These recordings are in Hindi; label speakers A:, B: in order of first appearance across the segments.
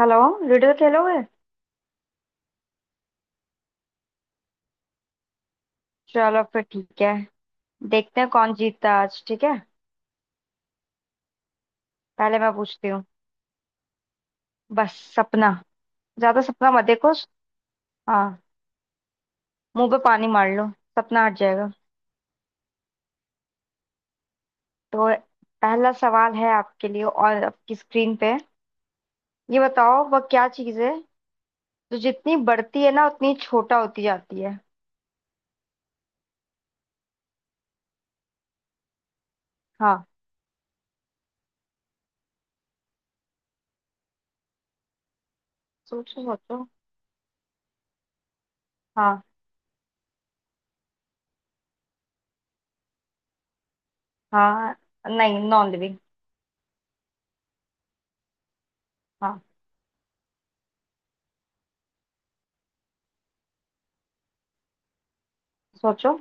A: हेलो। लूडो खेलोगे। चलो फिर ठीक है। देखते हैं कौन जीतता है आज, ठीक है। पहले मैं पूछती हूँ। बस सपना। ज्यादा सपना मत देखो। हाँ, मुंह पे पानी मार लो, सपना हट जाएगा। तो पहला सवाल है आपके लिए और आपकी स्क्रीन पे। ये बताओ वह क्या चीज है जो जितनी बढ़ती है ना उतनी छोटा होती जाती है। हाँ, सोचो सोचो। हाँ। हाँ, नहीं, नॉन लिविंग। हाँ, सोचो।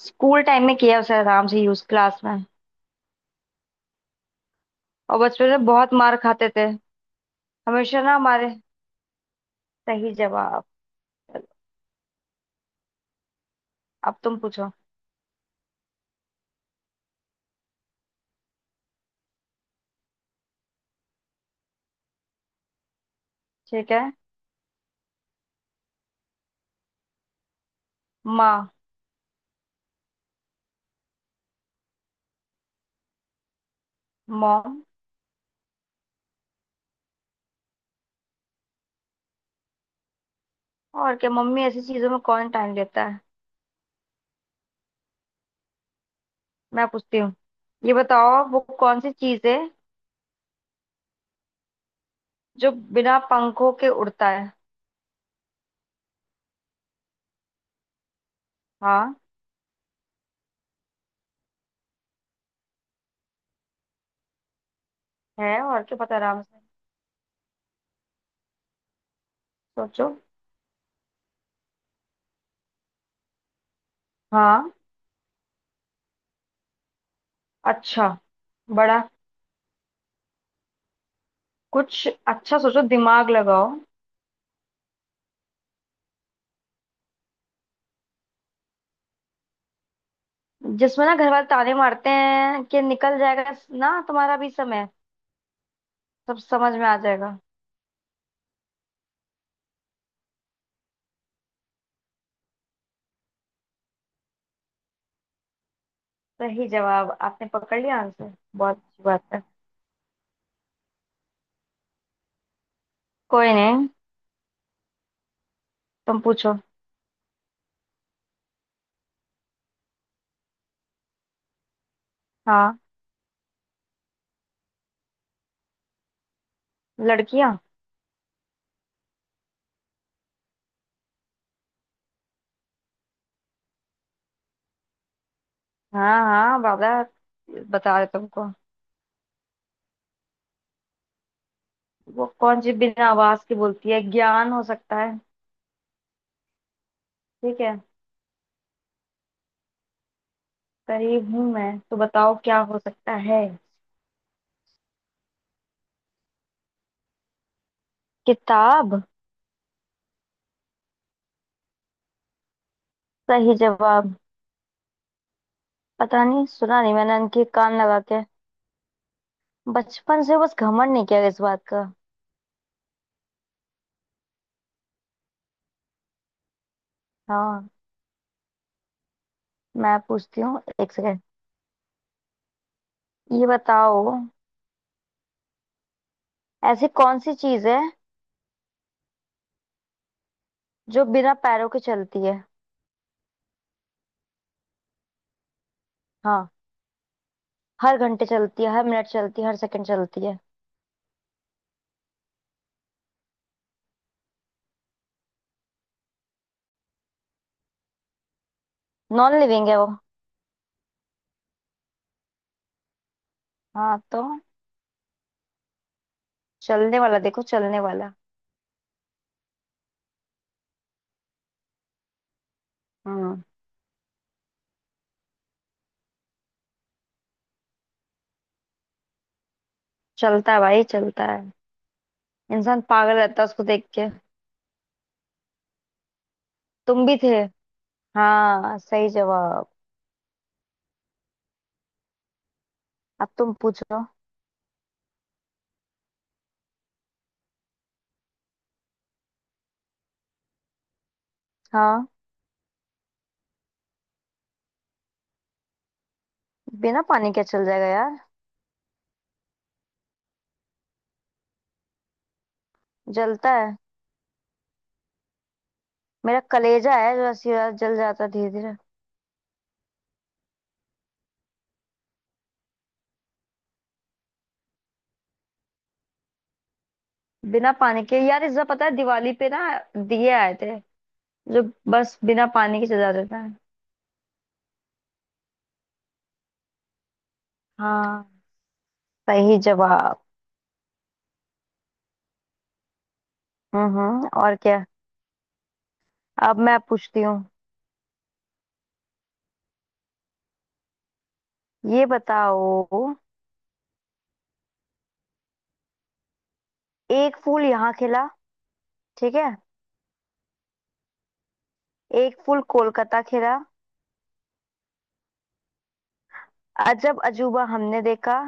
A: स्कूल टाइम में किया उसे आराम से यूज क्लास में। और बचपन में बहुत मार खाते थे हमेशा ना हमारे। सही जवाब। चलो, अब तुम पूछो। ठीक है। माँ। मॉम। और क्या, मम्मी ऐसी चीजों में कौन टाइम देता है। मैं पूछती हूँ। ये बताओ वो कौन सी चीज है जो बिना पंखों के उड़ता है। हाँ, है और क्या पता आराम से। सोचो। हाँ। अच्छा, बड़ा कुछ अच्छा सोचो, दिमाग लगाओ। जिसमें ना घर वाले ताने मारते हैं कि निकल जाएगा ना तुम्हारा भी समय, सब समझ में आ जाएगा। सही जवाब आपने पकड़ लिया आंसर, बहुत अच्छी बात है। कोई नहीं, तुम पूछो। हाँ, लड़कियां। हाँ हाँ बाबा, बता रहे तुमको। वो कौन सी बिना आवाज की बोलती है, ज्ञान हो सकता है। ठीक है, करीब हूं मैं तो, बताओ क्या हो सकता है। किताब। सही जवाब। पता नहीं सुना नहीं मैंने उनके कान लगा के। बचपन से बस घमंड नहीं किया इस बात का। हाँ, मैं पूछती हूँ, एक सेकेंड। ये बताओ, ऐसी कौन सी चीज है जो बिना पैरों के चलती है। हाँ, हर घंटे चलती है, हर मिनट चलती है, हर सेकंड चलती है। नॉन लिविंग है वो। हाँ तो चलने वाला देखो, चलने वाला। हम्म चलता है भाई, चलता है। इंसान पागल रहता है उसको देख के। तुम भी थे। हाँ, सही जवाब। अब तुम पूछो। हाँ, बिना पानी के चल जाएगा यार। जलता है। मेरा कलेजा है जो ऐसी रात जल जाता है धीरे धीरे। बिना पानी के यार, इस बार पता है दिवाली पे ना दिए आए थे जो बस बिना पानी के चल जाते थे। हाँ, सही जवाब। हम्म, और क्या। अब मैं पूछती हूँ। ये बताओ, एक फूल यहाँ खिला, ठीक है, एक फूल कोलकाता खिला, अजब अजूबा हमने देखा,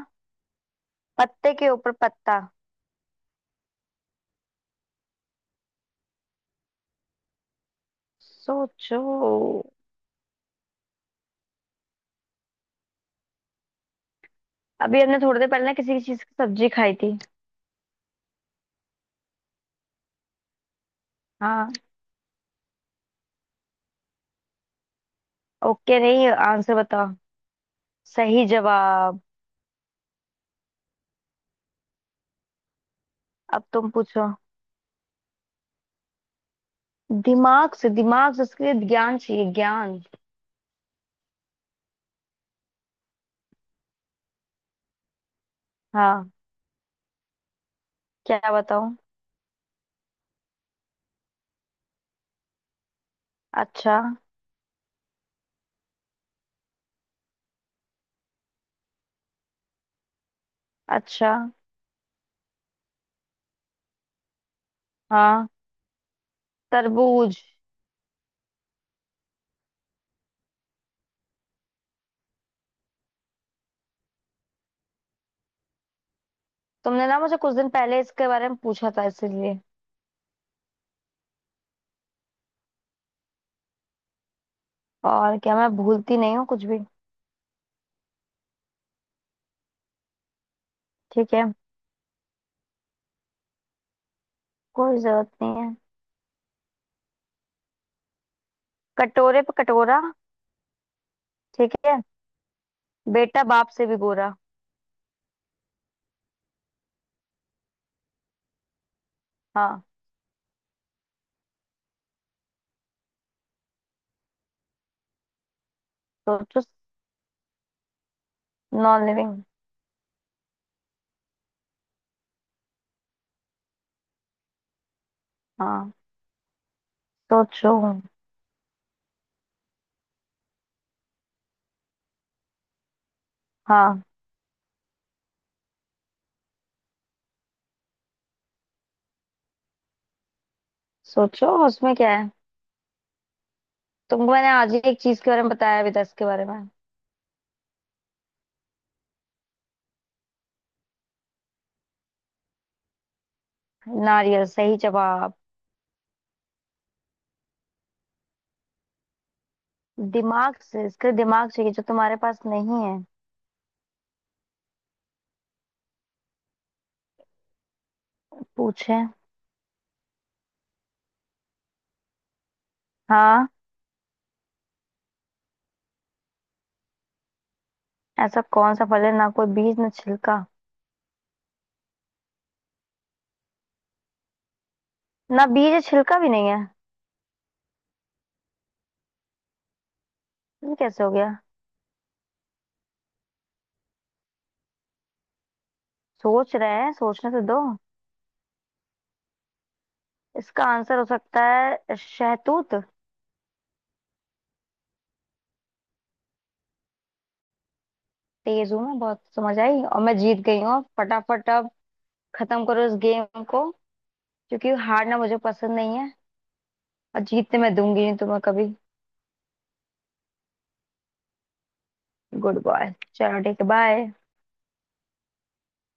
A: पत्ते के ऊपर पत्ता। सोचो। अभी हमने थोड़ी देर पहले ना किसी की चीज की सब्जी खाई थी। हाँ। ओके नहीं, आंसर बताओ। सही जवाब। अब तुम पूछो। दिमाग से, दिमाग से, उसके लिए ज्ञान चाहिए ज्ञान। हाँ, क्या बताऊं। अच्छा। अच्छा। हाँ, तरबूज। तुमने ना मुझे कुछ दिन पहले इसके बारे में पूछा था इसीलिए। और क्या, मैं भूलती नहीं हूँ कुछ भी। ठीक है, कोई जरूरत नहीं है। कटोरे पे कटोरा, ठीक है, बेटा बाप से भी गोरा। हाँ, सोचो। Non living. हाँ, सोचो। हाँ, सोचो उसमें क्या है। तुमको मैंने आज ही एक चीज के बारे में बताया अभी 10 के बारे में। नारियल, सही जवाब। दिमाग से, इसके दिमाग चाहिए जो तुम्हारे पास नहीं है। पूछे। हाँ, ऐसा कौन सा फल है ना कोई बीज ना छिलका। ना बीज, छिलका भी नहीं है, ये कैसे हो गया। सोच रहे हैं, सोचने से दो, इसका आंसर हो सकता है शहतूत। तेज हूं मैं बहुत, समझ आई, और मैं जीत गई हूँ फटाफट। अब खत्म करो इस गेम को, क्योंकि हारना मुझे पसंद नहीं है, और जीतने मैं दूंगी नहीं तुम्हें कभी। गुड बॉय, चलो ठीक है, बाय।